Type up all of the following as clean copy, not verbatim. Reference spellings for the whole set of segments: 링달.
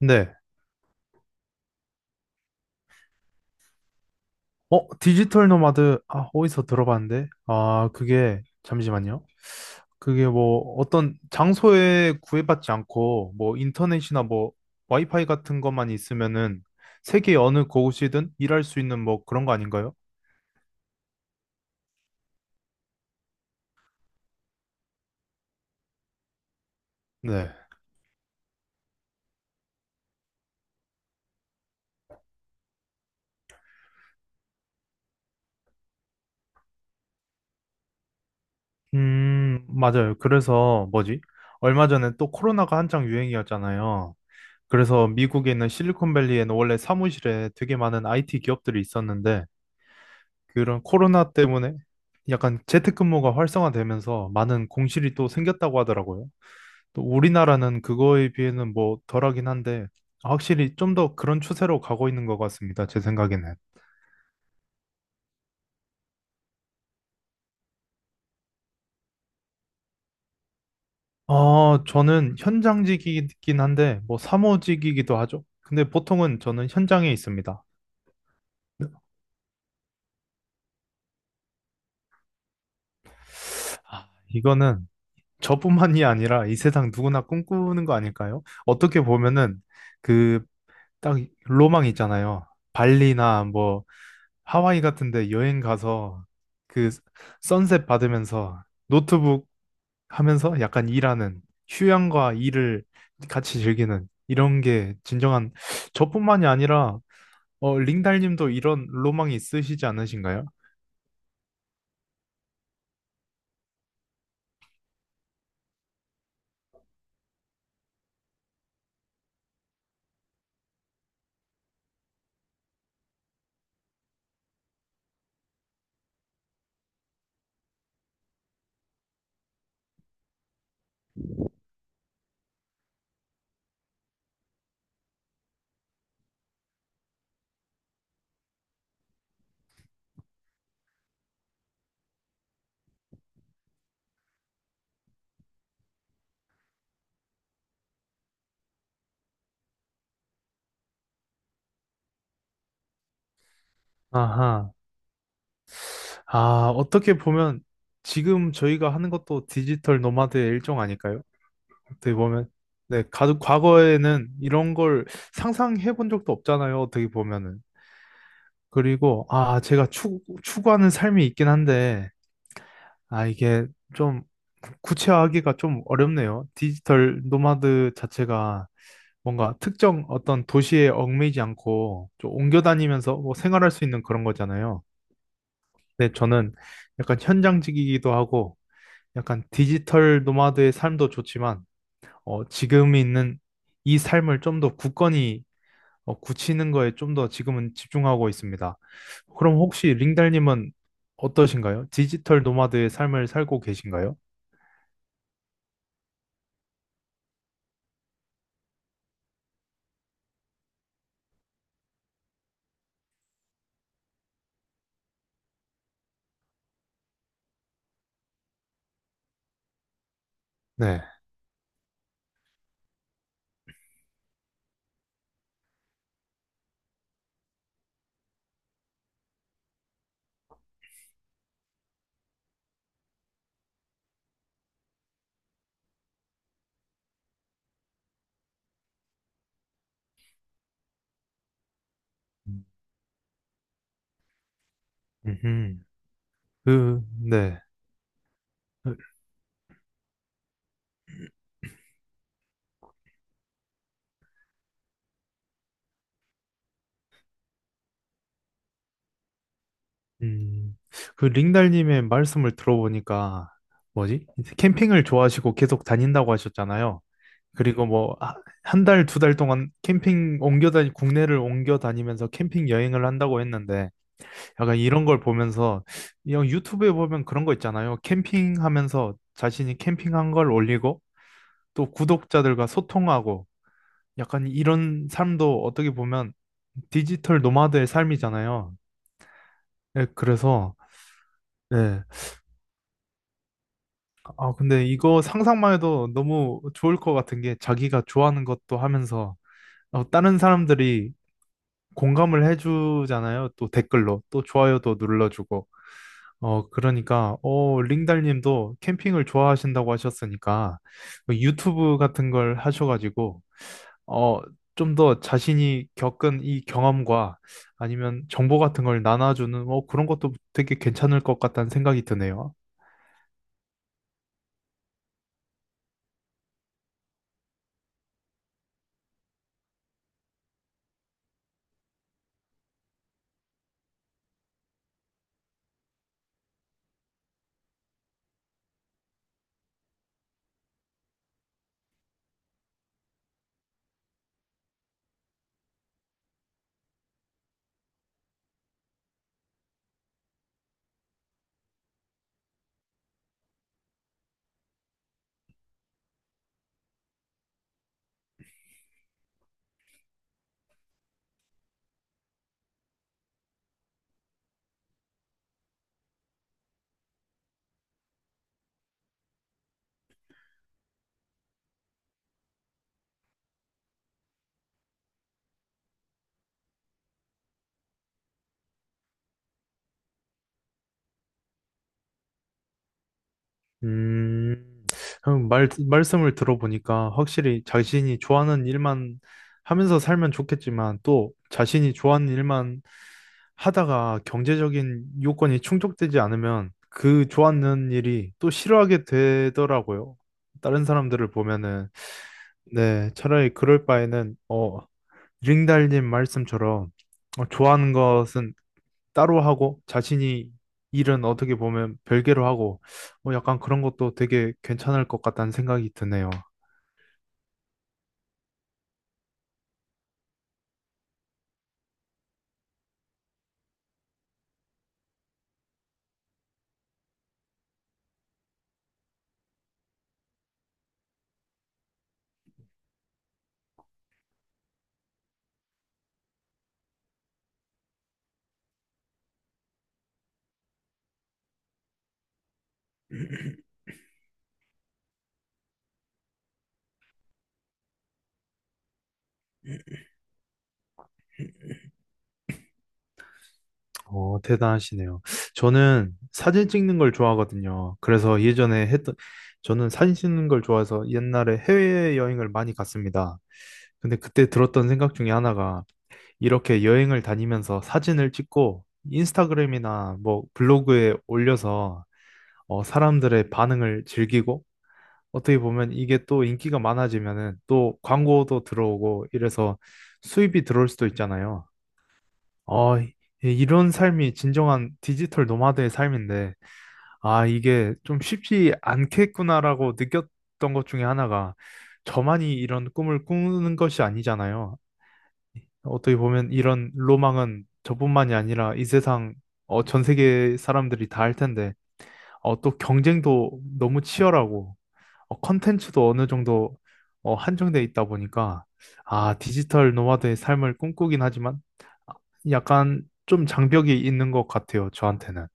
네. 디지털 노마드, 아, 어디서 들어봤는데? 아, 그게, 잠시만요. 그게 뭐, 어떤 장소에 구애받지 않고, 뭐, 인터넷이나 뭐, 와이파이 같은 것만 있으면은, 세계 어느 곳이든 일할 수 있는 뭐, 그런 거 아닌가요? 네. 맞아요. 그래서, 뭐지? 얼마 전에 또 코로나가 한창 유행이었잖아요. 그래서 미국에 있는 실리콘밸리에는 원래 사무실에 되게 많은 IT 기업들이 있었는데, 그런 코로나 때문에 약간 재택근무가 활성화되면서 많은 공실이 또 생겼다고 하더라고요. 또 우리나라는 그거에 비해는 뭐 덜하긴 한데 확실히 좀 더 그런 추세로 가고 있는 것 같습니다. 제 생각에는. 저는 현장직이긴 한데 뭐 사무직이기도 하죠. 근데 보통은 저는 현장에 있습니다. 아, 이거는 저뿐만이 아니라 이 세상 누구나 꿈꾸는 거 아닐까요? 어떻게 보면은 그 딱 로망 있잖아요. 발리나 뭐 하와이 같은데 여행 가서 그 선셋 받으면서 노트북 하면서 약간 일하는 휴양과 일을 같이 즐기는 이런 게 진정한 저뿐만이 아니라 링달님도 이런 로망이 있으시지 않으신가요? 아하. 아, 어떻게 보면 지금 저희가 하는 것도 디지털 노마드의 일종 아닐까요? 어떻게 보면. 네, 가, 과거에는 이런 걸 상상해 본 적도 없잖아요. 어떻게 보면은. 그리고, 아, 제가 추, 추구하는 삶이 있긴 한데, 아, 이게 좀 구체화하기가 좀 어렵네요. 디지털 노마드 자체가 뭔가 특정 어떤 도시에 얽매이지 않고 좀 옮겨 다니면서 뭐 생활할 수 있는 그런 거잖아요. 근데 저는 약간 현장직이기도 하고, 약간 디지털 노마드의 삶도 좋지만, 지금 있는 이 삶을 좀 더 굳건히 굳히는 거에 좀 더 지금은 집중하고 있습니다. 그럼 혹시 링달님은 어떠신가요? 디지털 노마드의 삶을 살고 계신가요? 네. 음흠. 그, 네. 음, 그 링달님의 말씀을 들어보니까 뭐지? 캠핑을 좋아하시고 계속 다닌다고 하셨잖아요. 그리고 뭐 한 달, 두 달 동안 캠핑 옮겨 다니, 국내를 옮겨 다니면서 캠핑 여행을 한다고 했는데 약간 이런 걸 보면서 이런 유튜브에 보면 그런 거 있잖아요. 캠핑하면서 자신이 캠핑한 걸 올리고 또 구독자들과 소통하고 약간 이런 삶도 어떻게 보면 디지털 노마드의 삶이잖아요. 네, 그래서 네. 아 근데 이거 상상만 해도 너무 좋을 것 같은 게 자기가 좋아하는 것도 하면서 다른 사람들이 공감을 해주잖아요. 또 댓글로 또 좋아요도 눌러주고 어, 그러니까, 어, 링달님도 캠핑을 좋아하신다고 하셨으니까, 뭐 유튜브 같은 걸 하셔가지고, 어, 좀 더 자신이 겪은 이 경험과 아니면 정보 같은 걸 나눠주는, 어, 그런 것도 되게 괜찮을 것 같다는 생각이 드네요. 음, 그럼 말, 말씀을 들어보니까 확실히 자신이 좋아하는 일만 하면서 살면 좋겠지만 또 자신이 좋아하는 일만 하다가 경제적인 요건이 충족되지 않으면 그 좋아하는 일이 또 싫어하게 되더라고요. 다른 사람들을 보면은, 네, 차라리 그럴 바에는, 어, 링달님 말씀처럼 좋아하는 것은 따로 하고 자신이 일은 어떻게 보면 별개로 하고 뭐 약간 그런 것도 되게 괜찮을 것 같다는 생각이 드네요. 대단하시네요. 저는 사진 찍는 걸 좋아하거든요. 그래서 예전에 했던, 저는 사진 찍는 걸 좋아해서 옛날에 해외여행을 많이 갔습니다. 근데 그때 들었던 생각 중에 하나가 이렇게 여행을 다니면서 사진을 찍고 인스타그램이나 뭐 블로그에 올려서 사람들의 반응을 즐기고 어떻게 보면 이게 또 인기가 많아지면은 또 광고도 들어오고 이래서 수입이 들어올 수도 있잖아요. 어, 이- 이런 삶이 진정한 디지털 노마드의 삶인데, 아, 이게 좀 쉽지 않겠구나라고 느꼈던 것 중에 하나가 저만이 이런 꿈을 꾸는 것이 아니잖아요. 어떻게 보면 이런 로망은 저뿐만이 아니라 이 세상, 전 세계 사람들이 다 할 텐데, 또 경쟁도 너무 치열하고, 컨텐츠도 어느 정도 한정돼 있다 보니까 아, 디지털 노마드의 삶을 꿈꾸긴 하지만 약간 좀 장벽이 있는 것 같아요, 저한테는.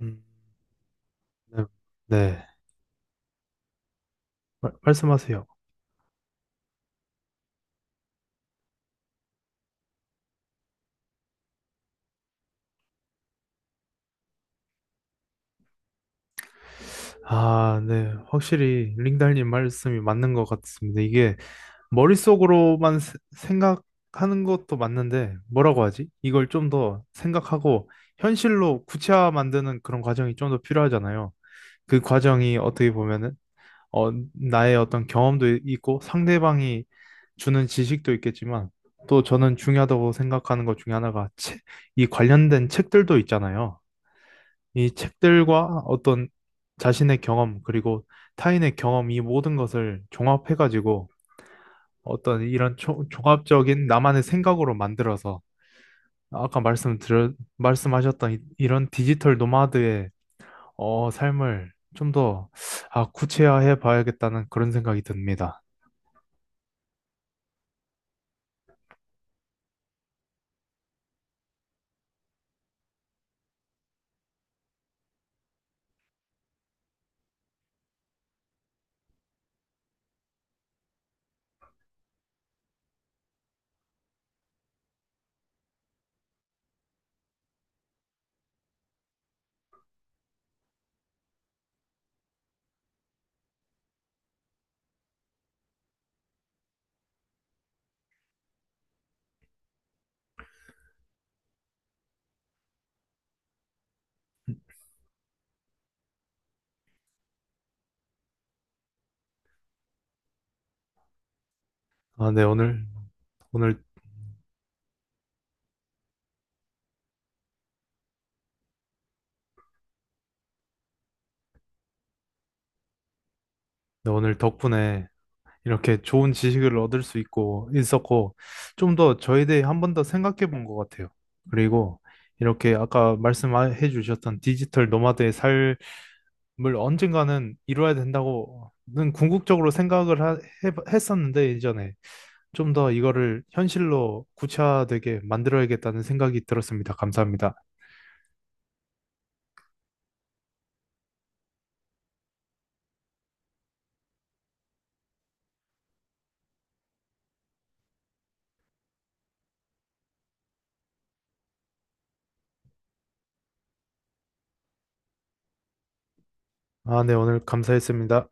음, 네. 네. 말씀하세요. 아, 네. 확실히 링달님 말씀이 맞는 것 같습니다. 이게 머릿속으로만 생각하는 것도 맞는데 뭐라고 하지? 이걸 좀 더 생각하고 현실로 구체화 만드는 그런 과정이 좀 더 필요하잖아요. 그 과정이 어떻게 보면은 나의 어떤 경험도 있고 상대방이 주는 지식도 있겠지만 또 저는 중요하다고 생각하는 것 중에 하나가 책, 이 관련된 책들도 있잖아요. 이 책들과 어떤 자신의 경험 그리고 타인의 경험 이 모든 것을 종합해가지고 어떤 이런 종합적인 나만의 생각으로 만들어서 아까 말씀하셨던 이런 디지털 노마드의 삶을 좀 더 아, 구체화해 봐야겠다는 그런 생각이 듭니다. 아, 네, 오늘, 오늘, 네, 오늘 덕분에 이렇게 좋은 지식을 얻을 수 있고, 있었고, 좀 더 저에 대해 한 번 더 생각해 본 것 같아요. 그리고 이렇게 아까 말씀해 주셨던 디지털 노마드의 삶을 언젠가는 이루어야 된다고는 궁극적으로 했었는데, 예전에 좀 더 이거를 현실로 구체화되게 만들어야겠다는 생각이 들었습니다. 감사합니다. 아, 네, 오늘 감사했습니다.